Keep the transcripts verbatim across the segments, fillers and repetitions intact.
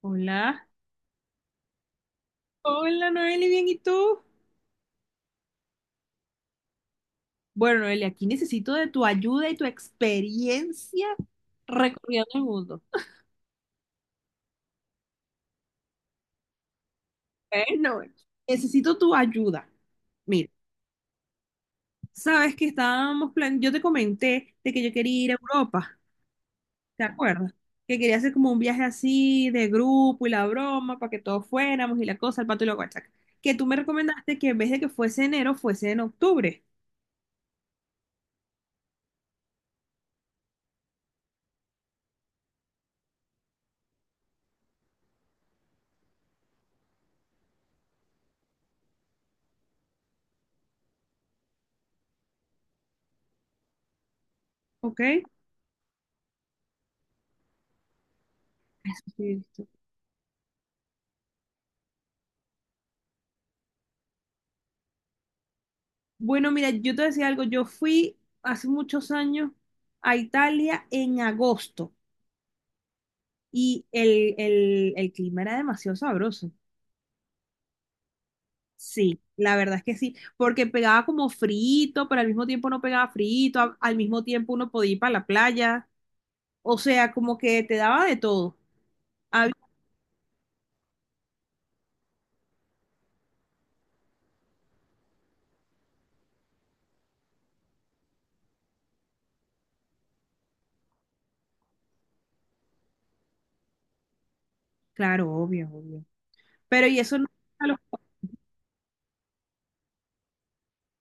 Hola. Hola, Noeli, bien, ¿y tú? Bueno, Noeli, aquí necesito de tu ayuda y tu experiencia recorriendo el mundo. Bueno, bueno, necesito tu ayuda. Mira, sabes que estábamos plan, yo te comenté de que yo quería ir a Europa, ¿te acuerdas? Que quería hacer como un viaje así de grupo y la broma para que todos fuéramos y la cosa, el pato y la guachaca. Que tú me recomendaste que en vez de que fuese enero, fuese en octubre, ¿ok? Sí. Bueno, mira, yo te decía algo, yo fui hace muchos años a Italia en agosto y el, el- el clima era demasiado sabroso. Sí, la verdad es que sí, porque pegaba como frito, pero al mismo tiempo no pegaba frito, a- al mismo tiempo uno podía ir para la playa, o sea, como que te daba de todo. Había- claro, obvio, obvio. Pero y eso no a, los-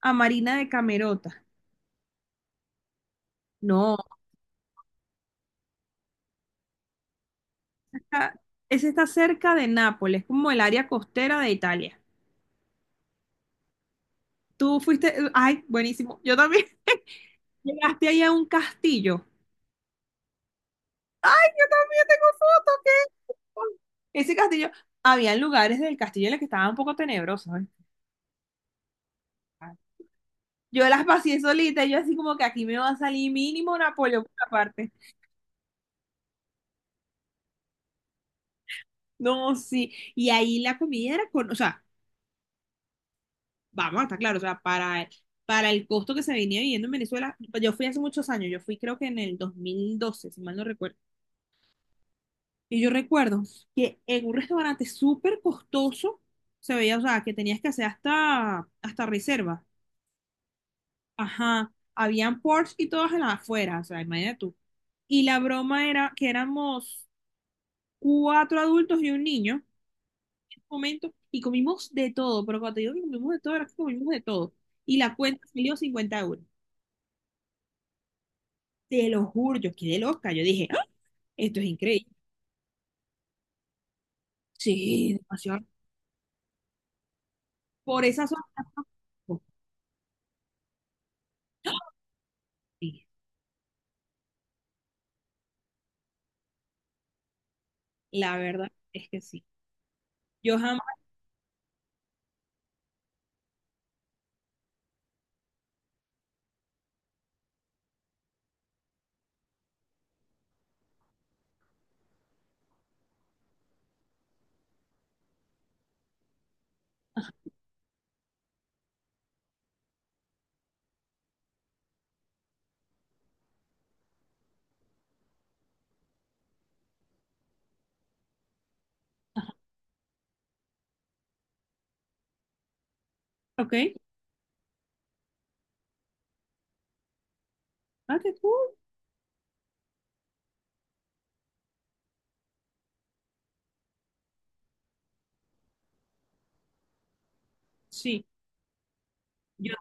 a Marina de Camerota. No, esa esa está cerca de Nápoles, como el área costera de Italia. Tú fuiste, ay, buenísimo. Yo también llegaste ahí a un castillo. Tengo fotos ese castillo, había lugares del castillo en los que estaban un poco tenebrosos, ¿eh? Yo las pasé solita, y yo así como que aquí me va a salir mínimo Napoleón por la parte. No, sí. Y ahí la comida era con, o sea, vamos, está claro, o sea, para, para, el costo que se venía viviendo en Venezuela, yo fui hace muchos años, yo fui creo que en el dos mil doce, si mal no recuerdo. Y yo recuerdo que en un restaurante súper costoso se veía, o sea, que tenías que hacer hasta, hasta reserva. Ajá, habían ports y todas en la afuera, o sea, imagínate tú. Y la broma era que éramos cuatro adultos y un niño en ese momento y comimos de todo, pero cuando te digo que comimos de todo, era que comimos de todo. Y la cuenta salió cincuenta euros. Te lo juro, yo quedé loca. Yo dije, "¡Ah! Esto es increíble". Sí, demasiado. Por esa zona. Sí, la verdad es que sí. Yo jamás. Ok. Ah, qué cool. Sí, yo,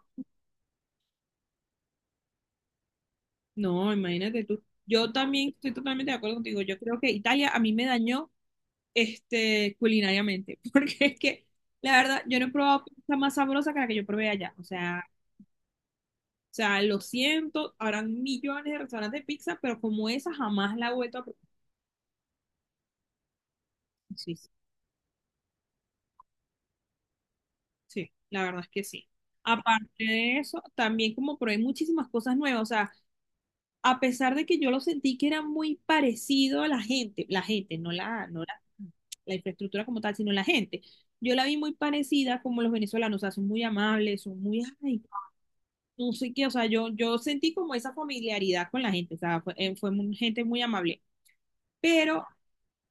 no, imagínate tú. Yo también estoy totalmente de acuerdo contigo. Yo creo que Italia a mí me dañó este, culinariamente, porque es que, la verdad, yo no he probado pizza más sabrosa que la que yo probé allá. O sea, o sea, lo siento, habrán millones de restaurantes de pizza, pero como esa jamás la he vuelto a probar. Sí, sí, sí, la verdad es que sí. Aparte de eso, también como probé muchísimas cosas nuevas, o sea, a pesar de que yo lo sentí que era muy parecido a la gente, la gente, no la, no la, la infraestructura como tal, sino la gente. Yo la vi muy parecida como los venezolanos, o sea, son muy amables, son muy, ay, no sé qué, o sea, yo, yo sentí como esa familiaridad con la gente, o sea, fue, eh, fue muy- gente muy amable. Pero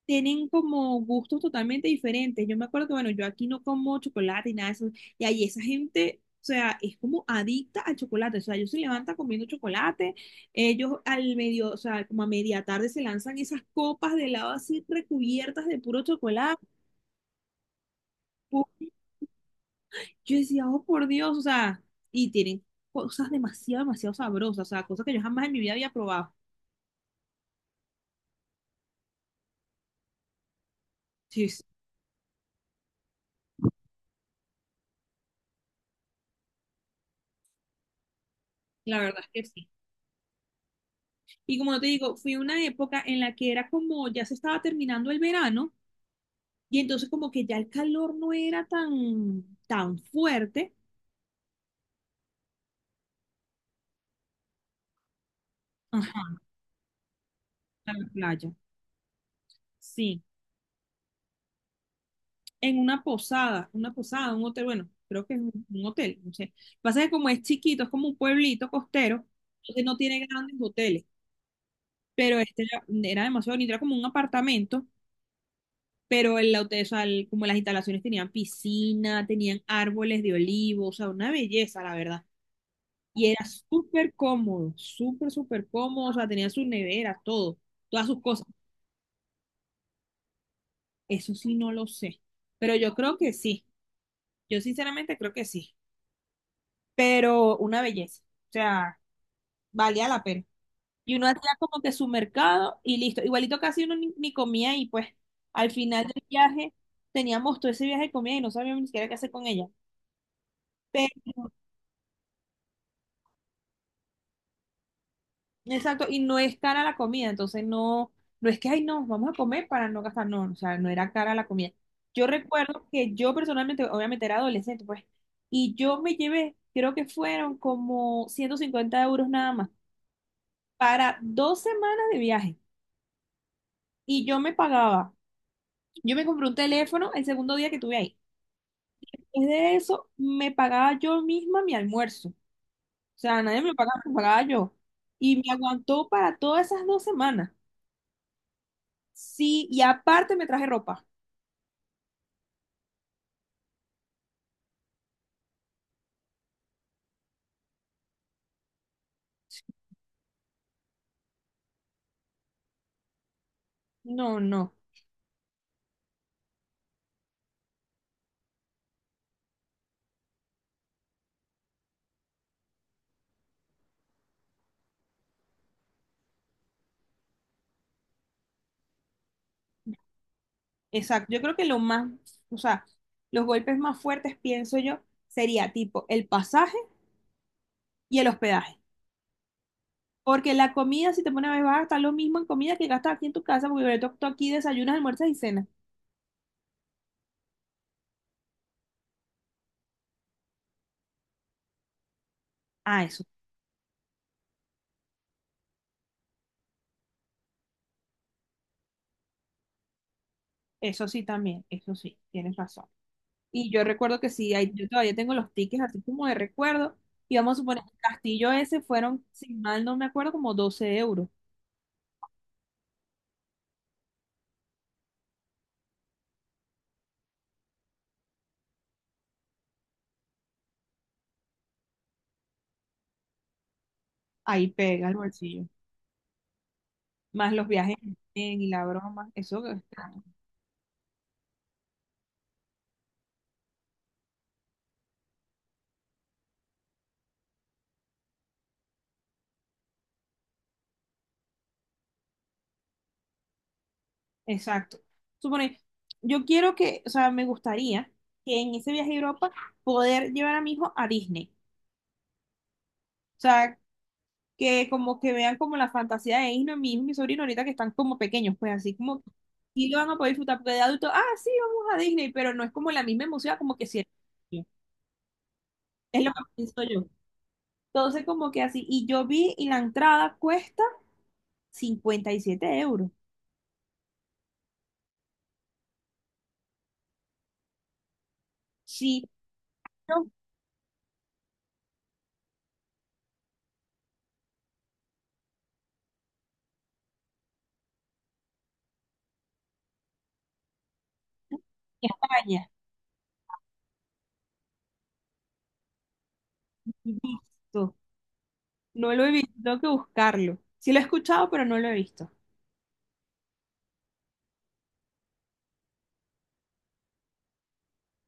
tienen como gustos totalmente diferentes. Yo me acuerdo que, bueno, yo aquí no como chocolate y nada de eso. Y ahí esa gente, o sea, es como adicta al chocolate. O sea, ellos se levantan comiendo chocolate. Ellos al medio, o sea, como a media tarde se lanzan esas copas de helado así recubiertas de puro chocolate. Pu- Yo decía, oh, por Dios, o sea, y tienen cosas demasiado, demasiado sabrosas. O sea, cosas que yo jamás en mi vida había probado. Sí, sí, la verdad es que sí. Y como te digo, fui una época en la que era como ya se estaba terminando el verano. Y entonces como que ya el calor no era tan, tan fuerte. Ajá. En la playa. Sí, en una posada, una posada, un hotel, bueno, creo que es un, un hotel, no sé. Lo que pasa es que como es chiquito, es como un pueblito costero, entonces no tiene grandes hoteles, pero este era, era demasiado bonito, era como un apartamento, pero el hotel, o sea, el- como las instalaciones tenían piscina, tenían árboles de olivo, o sea, una belleza, la verdad. Y era súper cómodo, súper, súper cómodo, o sea, tenía sus neveras, todo, todas sus cosas. Eso sí no lo sé, pero yo creo que sí. Yo sinceramente creo que sí, pero una belleza, o sea, valía la pena. Y uno hacía como que su mercado y listo. Igualito casi uno ni, ni comía y pues al final del viaje teníamos todo ese viaje de comida y no sabíamos ni siquiera qué hacer con ella. Pero Exacto, y no es cara la comida, entonces no, no es que, ay, no, vamos a comer para no gastar, no, o sea, no era cara la comida. Yo recuerdo que yo personalmente, obviamente era adolescente, pues, y yo me llevé, creo que fueron como ciento cincuenta euros nada más, para dos semanas de viaje, y yo me pagaba, yo me compré un teléfono el segundo día que estuve ahí. Después de eso, me pagaba yo misma mi almuerzo, o sea, nadie me lo pagaba, me lo pagaba yo, y me aguantó para todas esas dos semanas. Sí, y aparte me traje ropa. No, no, exacto. Yo creo que lo más, o sea, los golpes más fuertes, pienso yo, sería tipo el pasaje y el hospedaje. Porque la comida, si te pones a ver, vas a gastar lo mismo en comida que gastas aquí en tu casa, porque tú, tú aquí desayunas, almuerzas y cenas. Ah, eso, eso sí también, eso sí, tienes razón. Y yo recuerdo que sí, ahí- yo todavía tengo los tickets así como de recuerdo. Y vamos a suponer, el castillo ese fueron, si mal no me acuerdo, como doce euros. Ahí pega el bolsillo. Más los viajes en tren y la broma, eso, que- exacto. Supone, yo quiero que, o sea, me gustaría que en ese viaje a Europa poder llevar a mi hijo a Disney. O sea, que como que vean como la fantasía de Disney, mi hijo y mi sobrino ahorita que están como pequeños, pues así como, y lo van a poder disfrutar, porque de adulto, ah, sí, vamos a Disney, pero no es como la misma emoción como que si era niño. Es lo que pienso yo. Entonces, como que así, y yo vi, y la entrada cuesta cincuenta y siete euros. Sí, yo, en España. Visto. No lo he visto, tengo que buscarlo. Sí lo he escuchado, pero no lo he visto.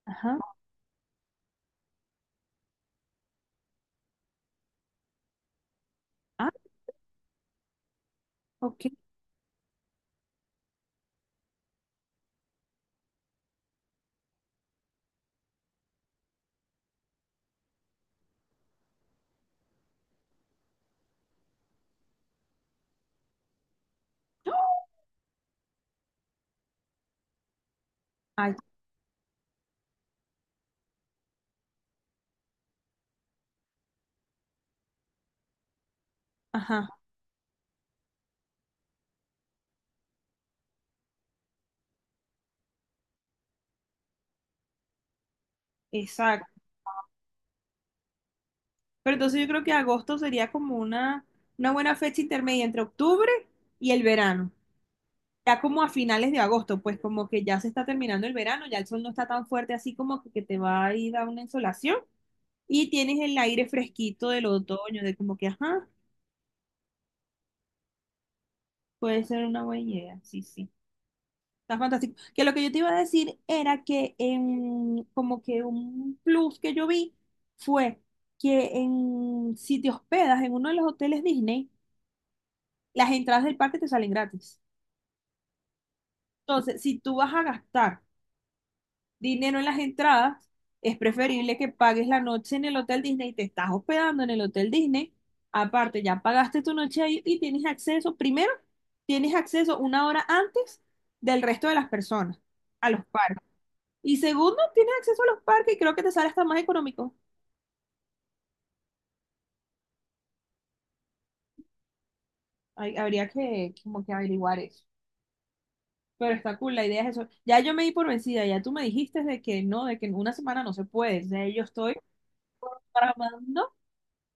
Ajá. Ah, ok. No. Ay, ajá, exacto. Pero entonces yo creo que agosto sería como una, una buena fecha intermedia entre octubre y el verano. Ya como a finales de agosto, pues como que ya se está terminando el verano, ya el sol no está tan fuerte así como que, que te va a ir a una insolación y tienes el aire fresquito del otoño, de como que, ajá, puede ser una buena idea, sí, sí. Está fantástico. Que lo que yo te iba a decir era que en, como que un plus que yo vi fue que en, si te hospedas en uno de los hoteles Disney, las entradas del parque te salen gratis. Entonces, si tú vas a gastar dinero en las entradas, es preferible que pagues la noche en el hotel Disney, te estás hospedando en el hotel Disney. Aparte, ya pagaste tu noche ahí y tienes acceso, primero, tienes acceso una hora antes del resto de las personas a los parques. Y segundo, tienes acceso a los parques y creo que te sale hasta más económico. Hay- habría que como que averiguar eso. Pero está cool, la idea es eso. Ya yo me di por vencida, ya tú me dijiste de que no, de que en una semana no se puede. O sea, yo estoy tramando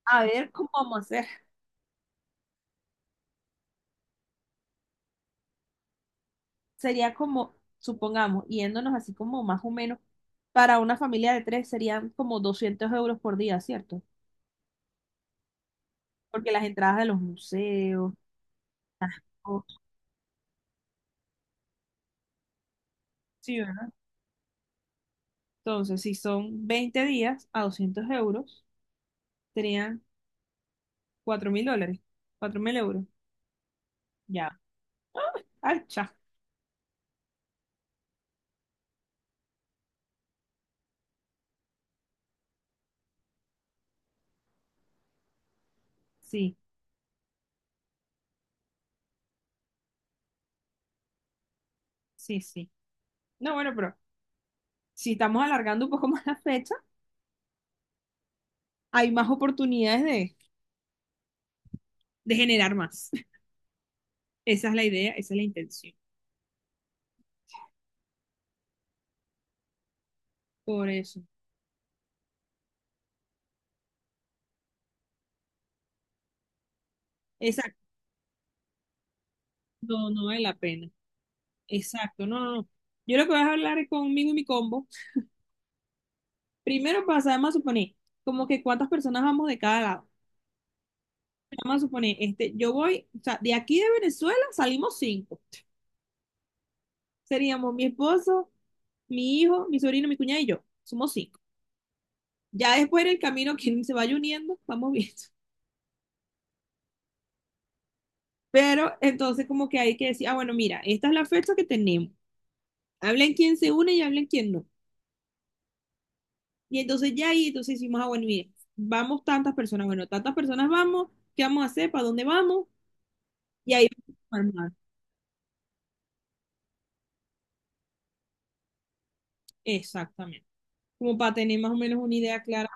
a ver cómo vamos a hacer. Sería como, supongamos, yéndonos así como más o menos, para una familia de tres serían como doscientos euros por día, ¿cierto? Porque las entradas de los museos. o- Sí, ¿verdad? Entonces, si son veinte días a doscientos euros, serían cuatro mil dólares, cuatro mil euros. Ya. Ay, cha. Sí, sí, sí. No, bueno, pero si estamos alargando un poco más la fecha, hay más oportunidades de, de, generar más. Esa es la idea, esa es la intención. Por eso. Exacto. No, no vale la pena. Exacto. No, no, no. Yo lo que voy a hablar es conmigo y mi combo. Primero pasamos a suponer como que cuántas personas vamos de cada lado. Vamos a suponer, este, yo voy, o sea, de aquí de Venezuela salimos cinco. Seríamos mi esposo, mi hijo, mi sobrino, mi cuñada y yo. Somos cinco. Ya después en el camino, quien se vaya uniendo, vamos viendo. Pero entonces como que hay que decir, ah, bueno, mira, esta es la fecha que tenemos. Hablen quién se une y hablen quién no. Y entonces ya ahí, entonces decimos, ah, bueno, mire, vamos tantas personas, bueno, tantas personas vamos, ¿qué vamos a hacer? ¿Para dónde vamos? Y ahí vamos a armar. Exactamente. Como para tener más o menos una idea clara.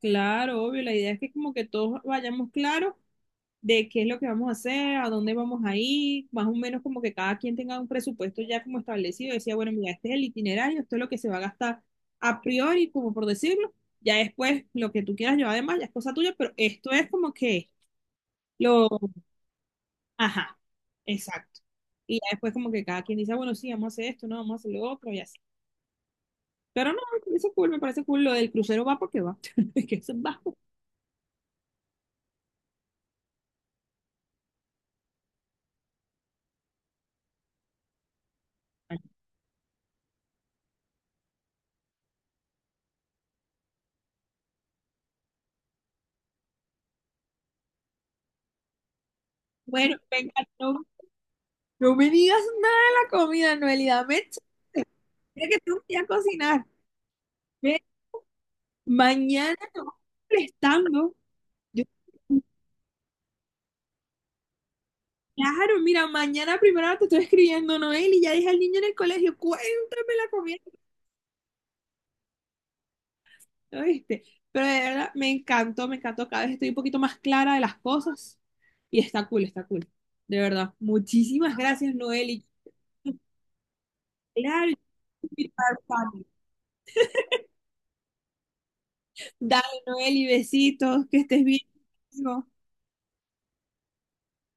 Claro, obvio, la idea es que como que todos vayamos claros de qué es lo que vamos a hacer, a dónde vamos a ir, más o menos como que cada quien tenga un presupuesto ya como establecido, decía, bueno, mira, este es el itinerario, esto es lo que se va a gastar a priori, como por decirlo, ya después lo que tú quieras llevar además ya es cosa tuya, pero esto es como que lo, ajá, exacto. Y ya después como que cada quien dice, bueno, sí, vamos a hacer esto, no, vamos a hacer lo otro y así. Pero no, eso es cool, me parece cool. Lo del crucero va porque va. Es que eso es bajo. Bueno, venga, no, no me digas nada de la comida, Noelida. Me Mira que tengo que ir a cocinar. Ve, mañana te voy prestando. Yo, claro, mira, mañana primero te estoy escribiendo, Noel, y ya dije al niño en el colegio, cuéntame la comida, ¿viste? Pero de verdad, me encantó, me encantó. Cada vez estoy un poquito más clara de las cosas. Y está cool, está cool. De verdad. Muchísimas gracias, Noel. Y claro, yo te invito a dar pan. Dale, Noel, y besitos, que estés bien. Amigo.